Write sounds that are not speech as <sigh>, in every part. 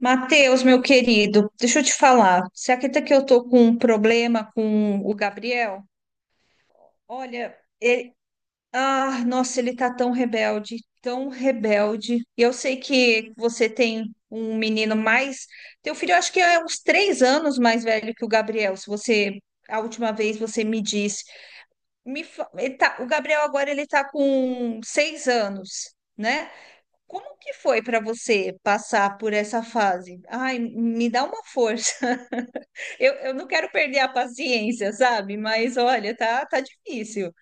Matheus, meu querido, deixa eu te falar. Você acredita que eu tô com um problema com o Gabriel? Olha, ele, ah, nossa, ele tá tão rebelde, tão rebelde. E eu sei que você tem um menino mais. Teu filho, eu acho que é uns três anos mais velho que o Gabriel. Se você, a última vez você me disse, ele tá, o Gabriel agora ele tá com seis anos, né? Como que foi para você passar por essa fase? Ai, me dá uma força. Eu não quero perder a paciência, sabe? Mas olha, tá, tá difícil.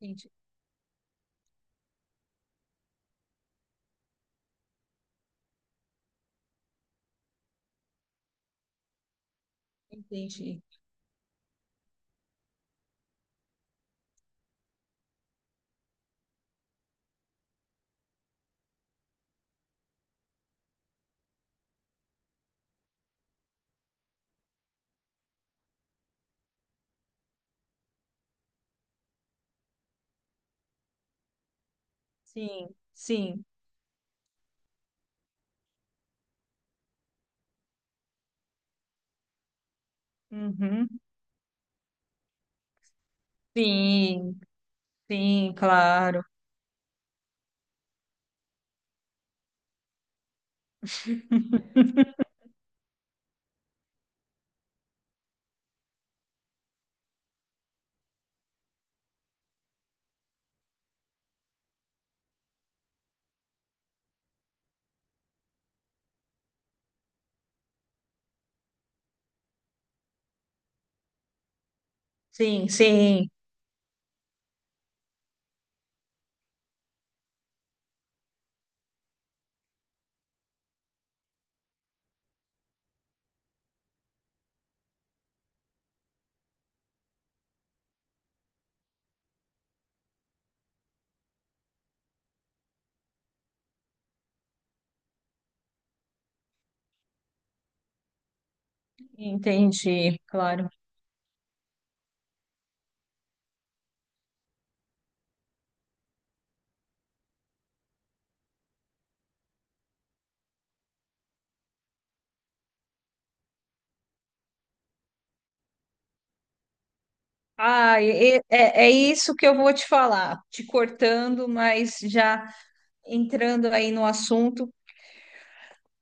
Entendi, entendi. Sim, sim. Uhum. Sim, sim, claro. Sim, sim. Entendi, claro. Ah, é, é isso que eu vou te falar, te cortando, mas já entrando aí no assunto.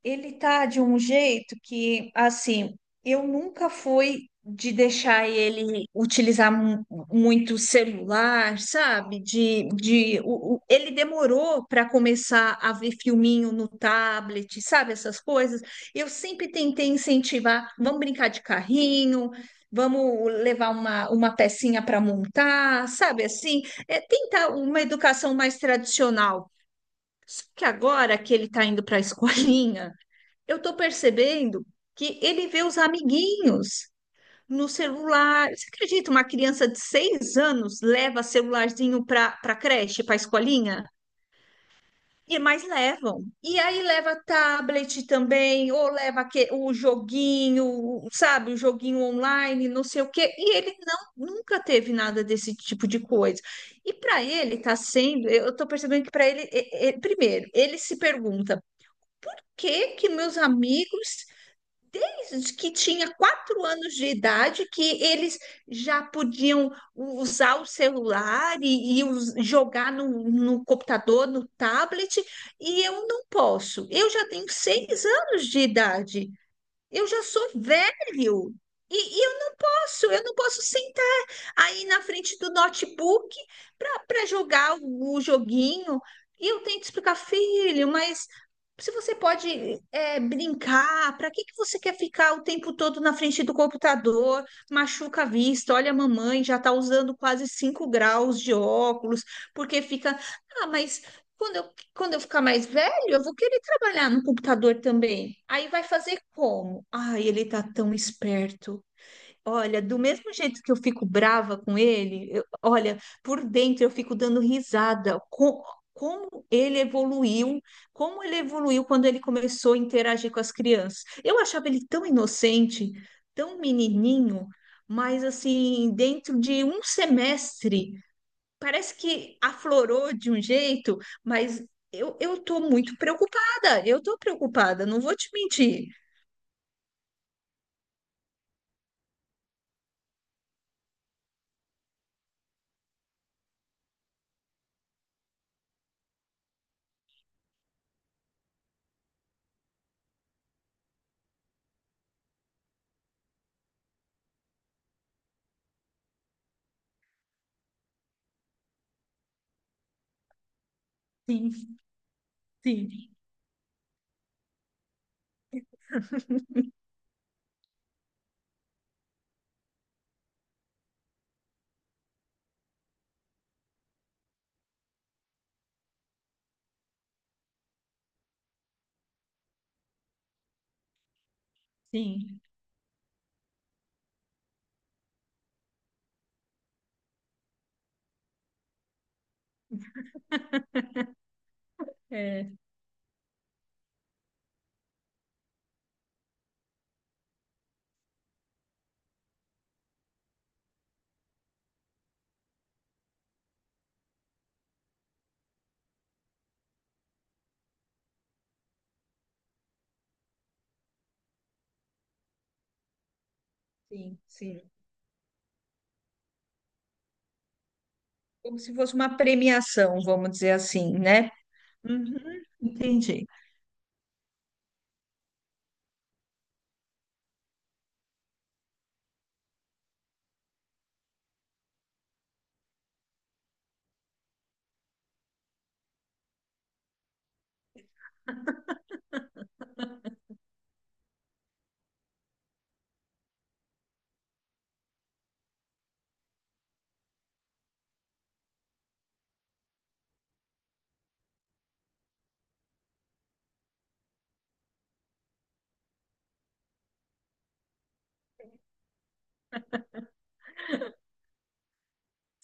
Ele tá de um jeito que, assim, eu nunca fui de deixar ele utilizar muito celular, sabe? Ele demorou para começar a ver filminho no tablet, sabe? Essas coisas. Eu sempre tentei incentivar, vamos brincar de carrinho, vamos levar uma pecinha para montar, sabe? Assim, é tentar uma educação mais tradicional. Só que agora que ele está indo para a <laughs> escolinha, eu estou percebendo que ele vê os amiguinhos no celular. Você acredita? Uma criança de seis anos leva celularzinho para creche, para escolinha? E mais levam. E aí leva tablet também, ou leva que, o joguinho, sabe, o joguinho online, não sei o quê. E ele nunca teve nada desse tipo de coisa. E para ele está sendo, eu estou percebendo que para ele, primeiro, ele se pergunta: que meus amigos que tinha quatro anos de idade que eles já podiam usar o celular e, jogar no computador, no tablet, e eu não posso. Eu já tenho seis anos de idade, eu já sou velho. E eu, nossa, eu não posso sentar aí na frente do notebook para jogar o joguinho. E eu tento explicar, filho, mas se você pode é, brincar, para que, que você quer ficar o tempo todo na frente do computador? Machuca a vista, olha a mamãe, já está usando quase 5 graus de óculos, porque fica. Ah, mas quando eu ficar mais velho, eu vou querer trabalhar no computador também. Aí vai fazer como? Ai, ele tá tão esperto. Olha, do mesmo jeito que eu fico brava com ele, olha, por dentro eu fico dando risada. Como ele evoluiu, como ele evoluiu quando ele começou a interagir com as crianças. Eu achava ele tão inocente, tão menininho, mas assim, dentro de um semestre, parece que aflorou de um jeito, mas eu tô muito preocupada, eu tô preocupada, não vou te mentir. Sim, sim, sim, é, sim, sim. Como se fosse uma premiação, vamos dizer assim, né? Uhum, entendi.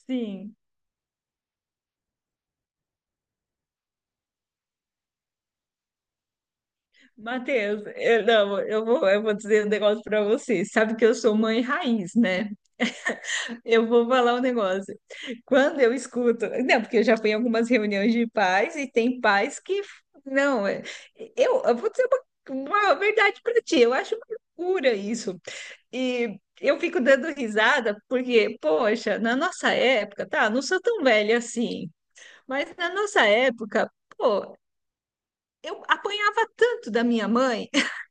Sim. Matheus, eu, não, eu vou dizer um negócio para você. Sabe que eu sou mãe raiz, né? Eu vou falar um negócio. Quando eu escuto, não, porque eu já fui em algumas reuniões de pais e tem pais que, não, eu vou dizer uma verdade para ti. Eu acho uma loucura isso. E eu fico dando risada porque, poxa, na nossa época, tá? Não sou tão velha assim. Mas na nossa época, pô, eu apanhava tanto da minha mãe, <laughs>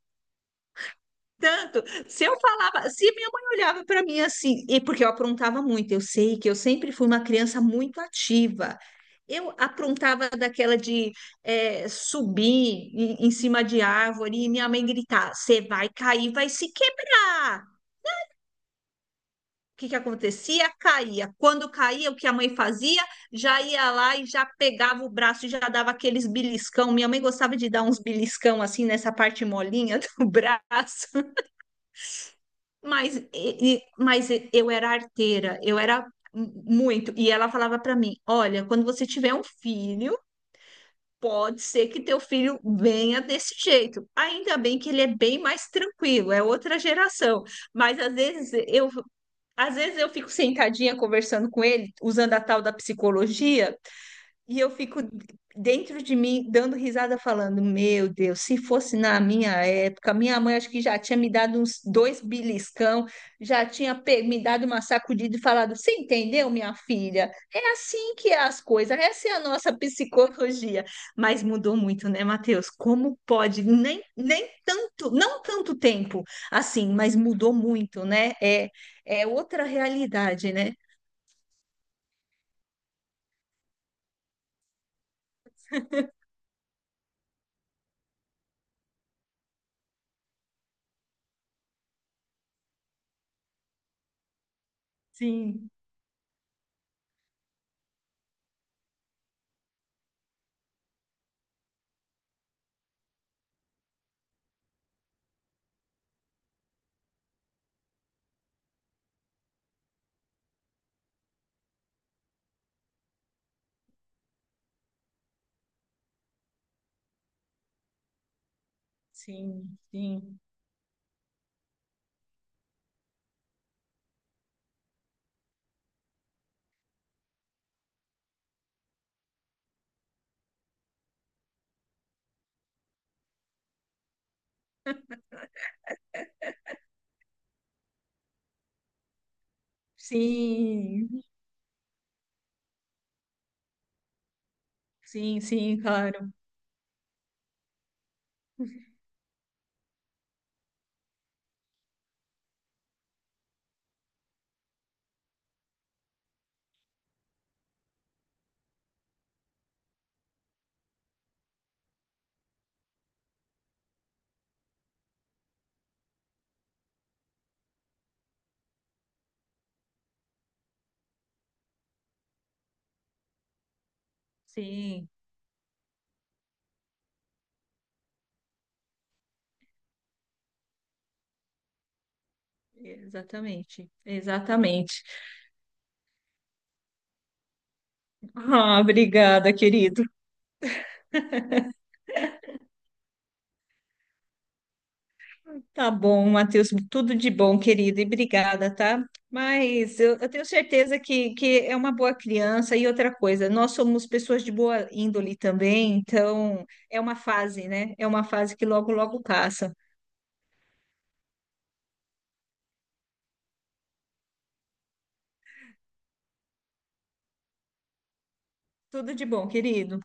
tanto. Se eu falava, se minha mãe olhava para mim assim, e porque eu aprontava muito, eu sei que eu sempre fui uma criança muito ativa. Eu aprontava daquela de subir em cima de árvore e minha mãe gritar: Você vai cair, vai se quebrar. O que que acontecia? Caía. Quando caía, o que a mãe fazia? Já ia lá e já pegava o braço e já dava aqueles beliscão. Minha mãe gostava de dar uns beliscão assim nessa parte molinha <laughs> do braço. Mas, mas eu era arteira, eu era muito. E ela falava para mim: Olha, quando você tiver um filho, pode ser que teu filho venha desse jeito. Ainda bem que ele é bem mais tranquilo, é outra geração. Mas às vezes eu fico sentadinha conversando com ele, usando a tal da psicologia, e eu fico dentro de mim dando risada, falando: Meu Deus, se fosse na minha época, minha mãe acho que já tinha me dado uns dois beliscão, me dado uma sacudida e falado: Você entendeu, minha filha? É assim que é as coisas, essa é a nossa psicologia. Mas mudou muito, né, Matheus? Como pode? Nem, nem tanto, não tanto tempo assim, mas mudou muito, né? É, é outra realidade, né? Sim, sim, sim. Sim, sim, sim, claro. Sim, exatamente. Exatamente. Ah, obrigada, querido. Tá bom, Matheus, tudo de bom, querido, e obrigada, tá? Mas eu tenho certeza que é uma boa criança. E outra coisa, nós somos pessoas de boa índole também, então é uma fase, né? É uma fase que logo, logo passa. Tudo de bom, querido.